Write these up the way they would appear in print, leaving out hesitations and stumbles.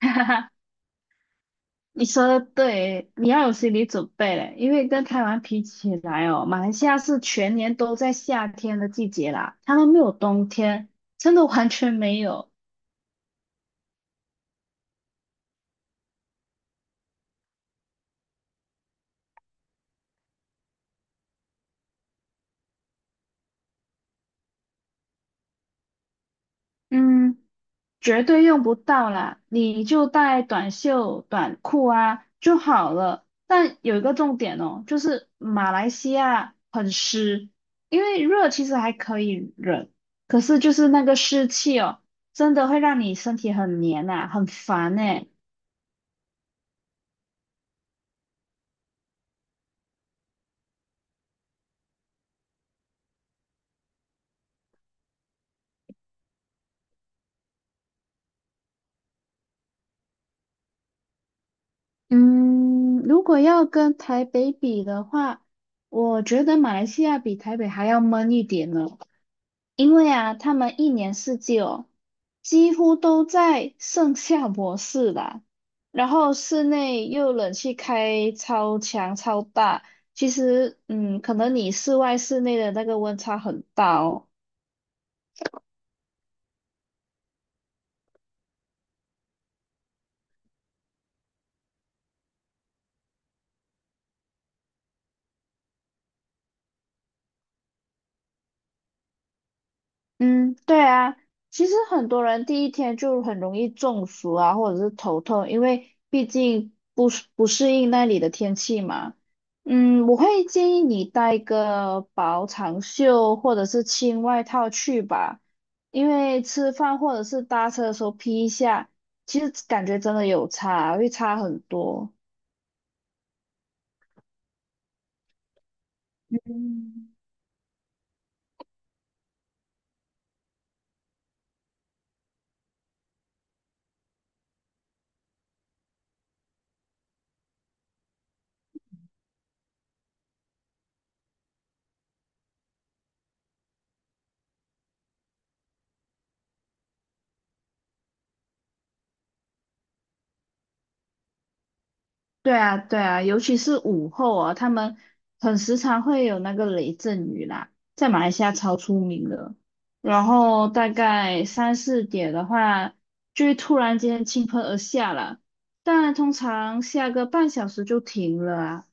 哈哈，你说的对，你要有心理准备嘞，因为跟台湾比起来哦，马来西亚是全年都在夏天的季节啦，他们没有冬天，真的完全没有。嗯，绝对用不到啦，你就带短袖、短裤啊就好了。但有一个重点哦，就是马来西亚很湿，因为热其实还可以忍，可是就是那个湿气哦。真的会让你身体很黏呐、很烦呢。嗯，如果要跟台北比的话，我觉得马来西亚比台北还要闷一点呢。因为啊，他们一年四季哦，几乎都在盛夏模式啦。然后室内又冷气开超强超大，其实可能你室外室内的那个温差很大哦。嗯，对啊，其实很多人第一天就很容易中暑啊，或者是头痛，因为毕竟不适应那里的天气嘛。嗯，我会建议你带一个薄长袖或者是轻外套去吧，因为吃饭或者是搭车的时候披一下，其实感觉真的有差，会差很多。嗯对啊，对啊，尤其是午后啊，他们很时常会有那个雷阵雨啦，在马来西亚超出名的。然后大概三四点的话，就会突然间倾盆而下了，但通常下个半小时就停了啊。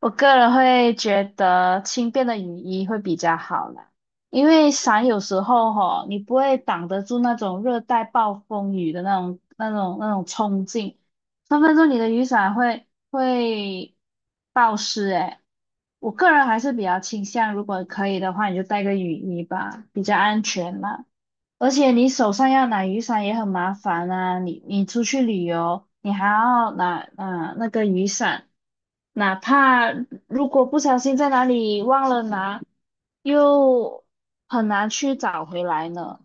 我个人会觉得轻便的雨衣会比较好啦，因为伞有时候吼，你不会挡得住那种热带暴风雨的那种冲劲，分分钟你的雨伞会暴湿诶。我个人还是比较倾向，如果可以的话，你就带个雨衣吧，比较安全啦。而且你手上要拿雨伞也很麻烦啊，你出去旅游，你还要拿啊那个雨伞，哪怕如果不小心在哪里忘了拿，又很难去找回来呢。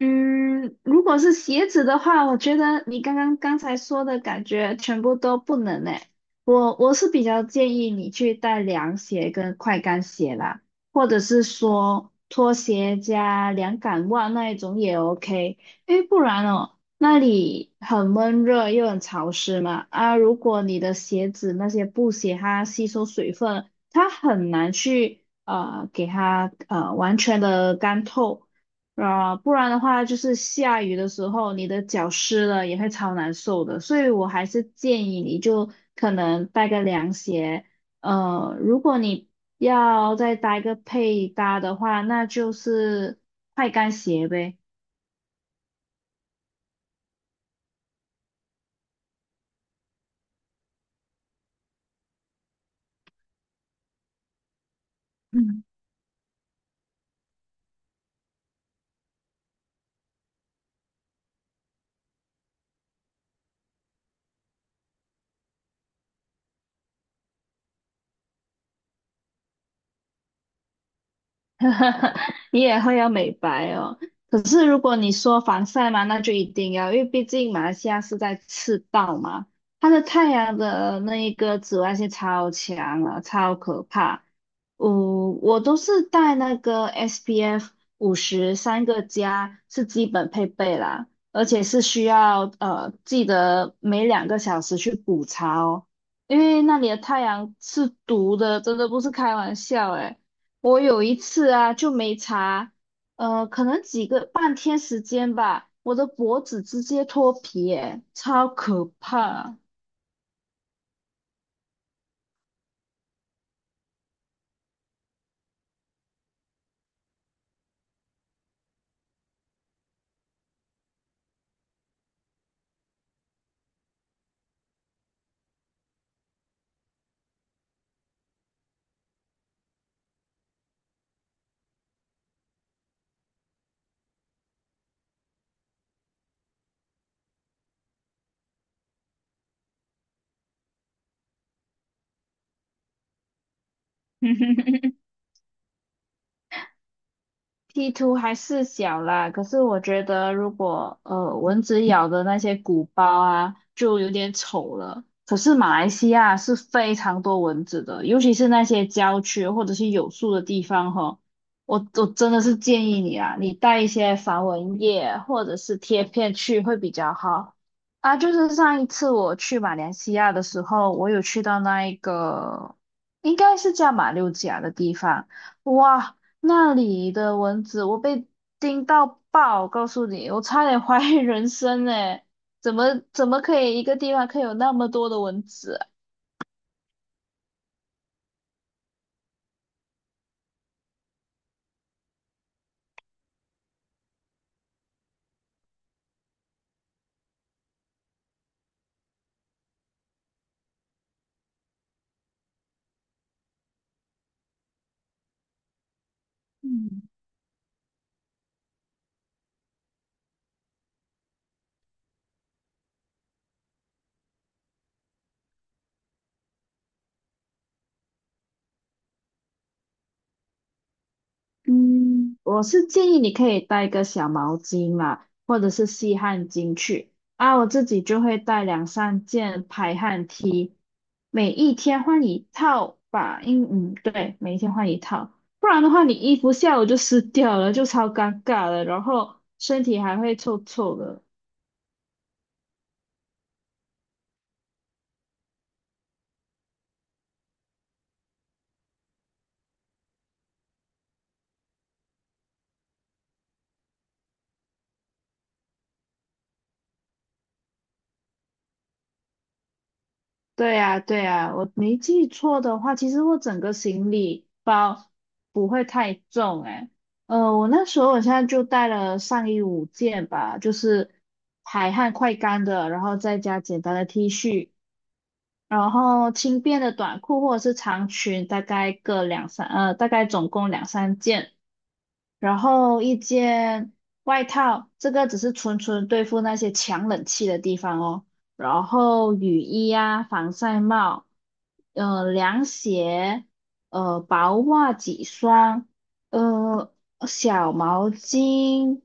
嗯，如果是鞋子的话，我觉得你刚才说的感觉全部都不能诶。我是比较建议你去带凉鞋跟快干鞋啦，或者是说拖鞋加凉感袜那一种也 OK，因为不然哦，那里很闷热又很潮湿嘛。啊，如果你的鞋子那些布鞋它吸收水分，它很难去给它完全的干透。啊，不然的话就是下雨的时候，你的脚湿了也会超难受的，所以我还是建议你就可能带个凉鞋。如果你要再搭一个配搭的话，那就是快干鞋呗。你也会要美白哦。可是如果你说防晒嘛，那就一定要，因为毕竟马来西亚是在赤道嘛，它的太阳的那一个紫外线超强啊，超可怕。我都是带那个 SPF50三个加，是基本配备啦，而且是需要记得每2个小时去补擦哦，因为那里的太阳是毒的，真的不是开玩笑诶。我有一次啊，就没查，可能几个半天时间吧，我的脖子直接脱皮，哎，超可怕。P 图还是小啦，可是我觉得如果蚊子咬的那些鼓包啊，就有点丑了。可是马来西亚是非常多蚊子的，尤其是那些郊区或者是有树的地方哈，我真的是建议你啊，你带一些防蚊液或者是贴片去会比较好。啊，就是上一次我去马来西亚的时候，我有去到那一个应该是叫马六甲的地方。哇，那里的蚊子，我被叮到爆，我告诉你，我差点 怀疑人生诶，怎么可以一个地方可以有那么多的蚊子啊。嗯，嗯，我是建议你可以带个小毛巾啦，或者是吸汗巾去。啊，我自己就会带两三件排汗 T，每一天换一套吧。对，每一天换一套，不然的话你衣服下午就湿掉了，就超尴尬了，然后身体还会臭臭的。对呀，对呀，我没记错的话，其实我整个行李包不会太重诶。我那时候我现在就带了上衣5件吧，就是排汗快干的，然后再加简单的 T 恤，然后轻便的短裤或者是长裙，大概各两三，大概总共两三件，然后一件外套，这个只是纯纯对付那些强冷气的地方哦。然后雨衣啊，防晒帽，凉鞋，薄袜几双，呃，小毛巾，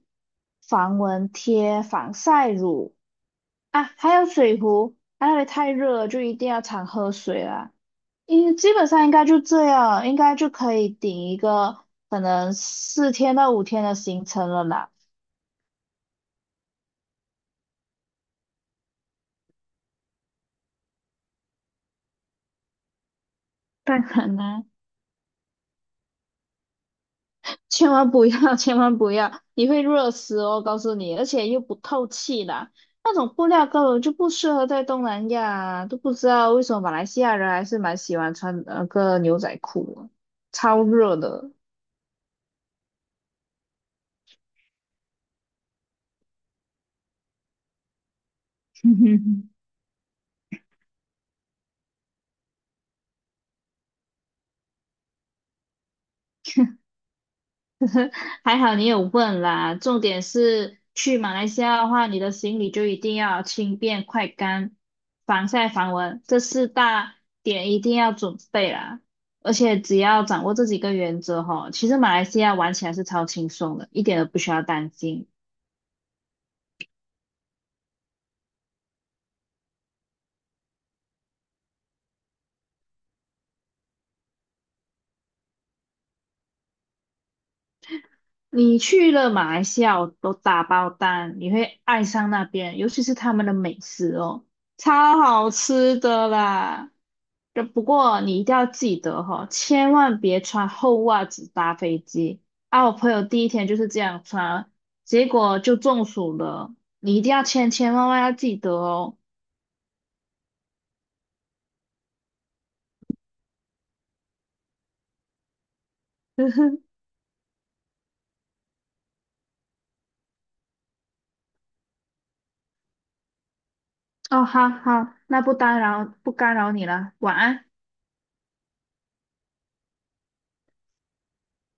防蚊贴，防晒乳啊，还有水壶，因为太热了就一定要常喝水啦。基本上应该就这样，应该就可以顶一个可能4天到5天的行程了啦。当可能，千万不要，千万不要，你会热死哦，告诉你，而且又不透气啦。那种布料根本就不适合在东南亚，啊都不知道为什么马来西亚人还是蛮喜欢穿那个牛仔裤啊，超热的。还好你有问啦，重点是去马来西亚的话，你的行李就一定要轻便、快干、防晒、防蚊，这四大点一定要准备啦。而且只要掌握这几个原则哈，其实马来西亚玩起来是超轻松的，一点都不需要担心。你去了马来西亚，我都打包单，你会爱上那边，尤其是他们的美食哦，超好吃的啦。这不过你一定要记得哈、哦千万别穿厚袜子搭飞机。啊，我朋友第一天就是这样穿，结果就中暑了。你一定要千千万万要记得哦。哦，好好，那不干扰你了，晚安。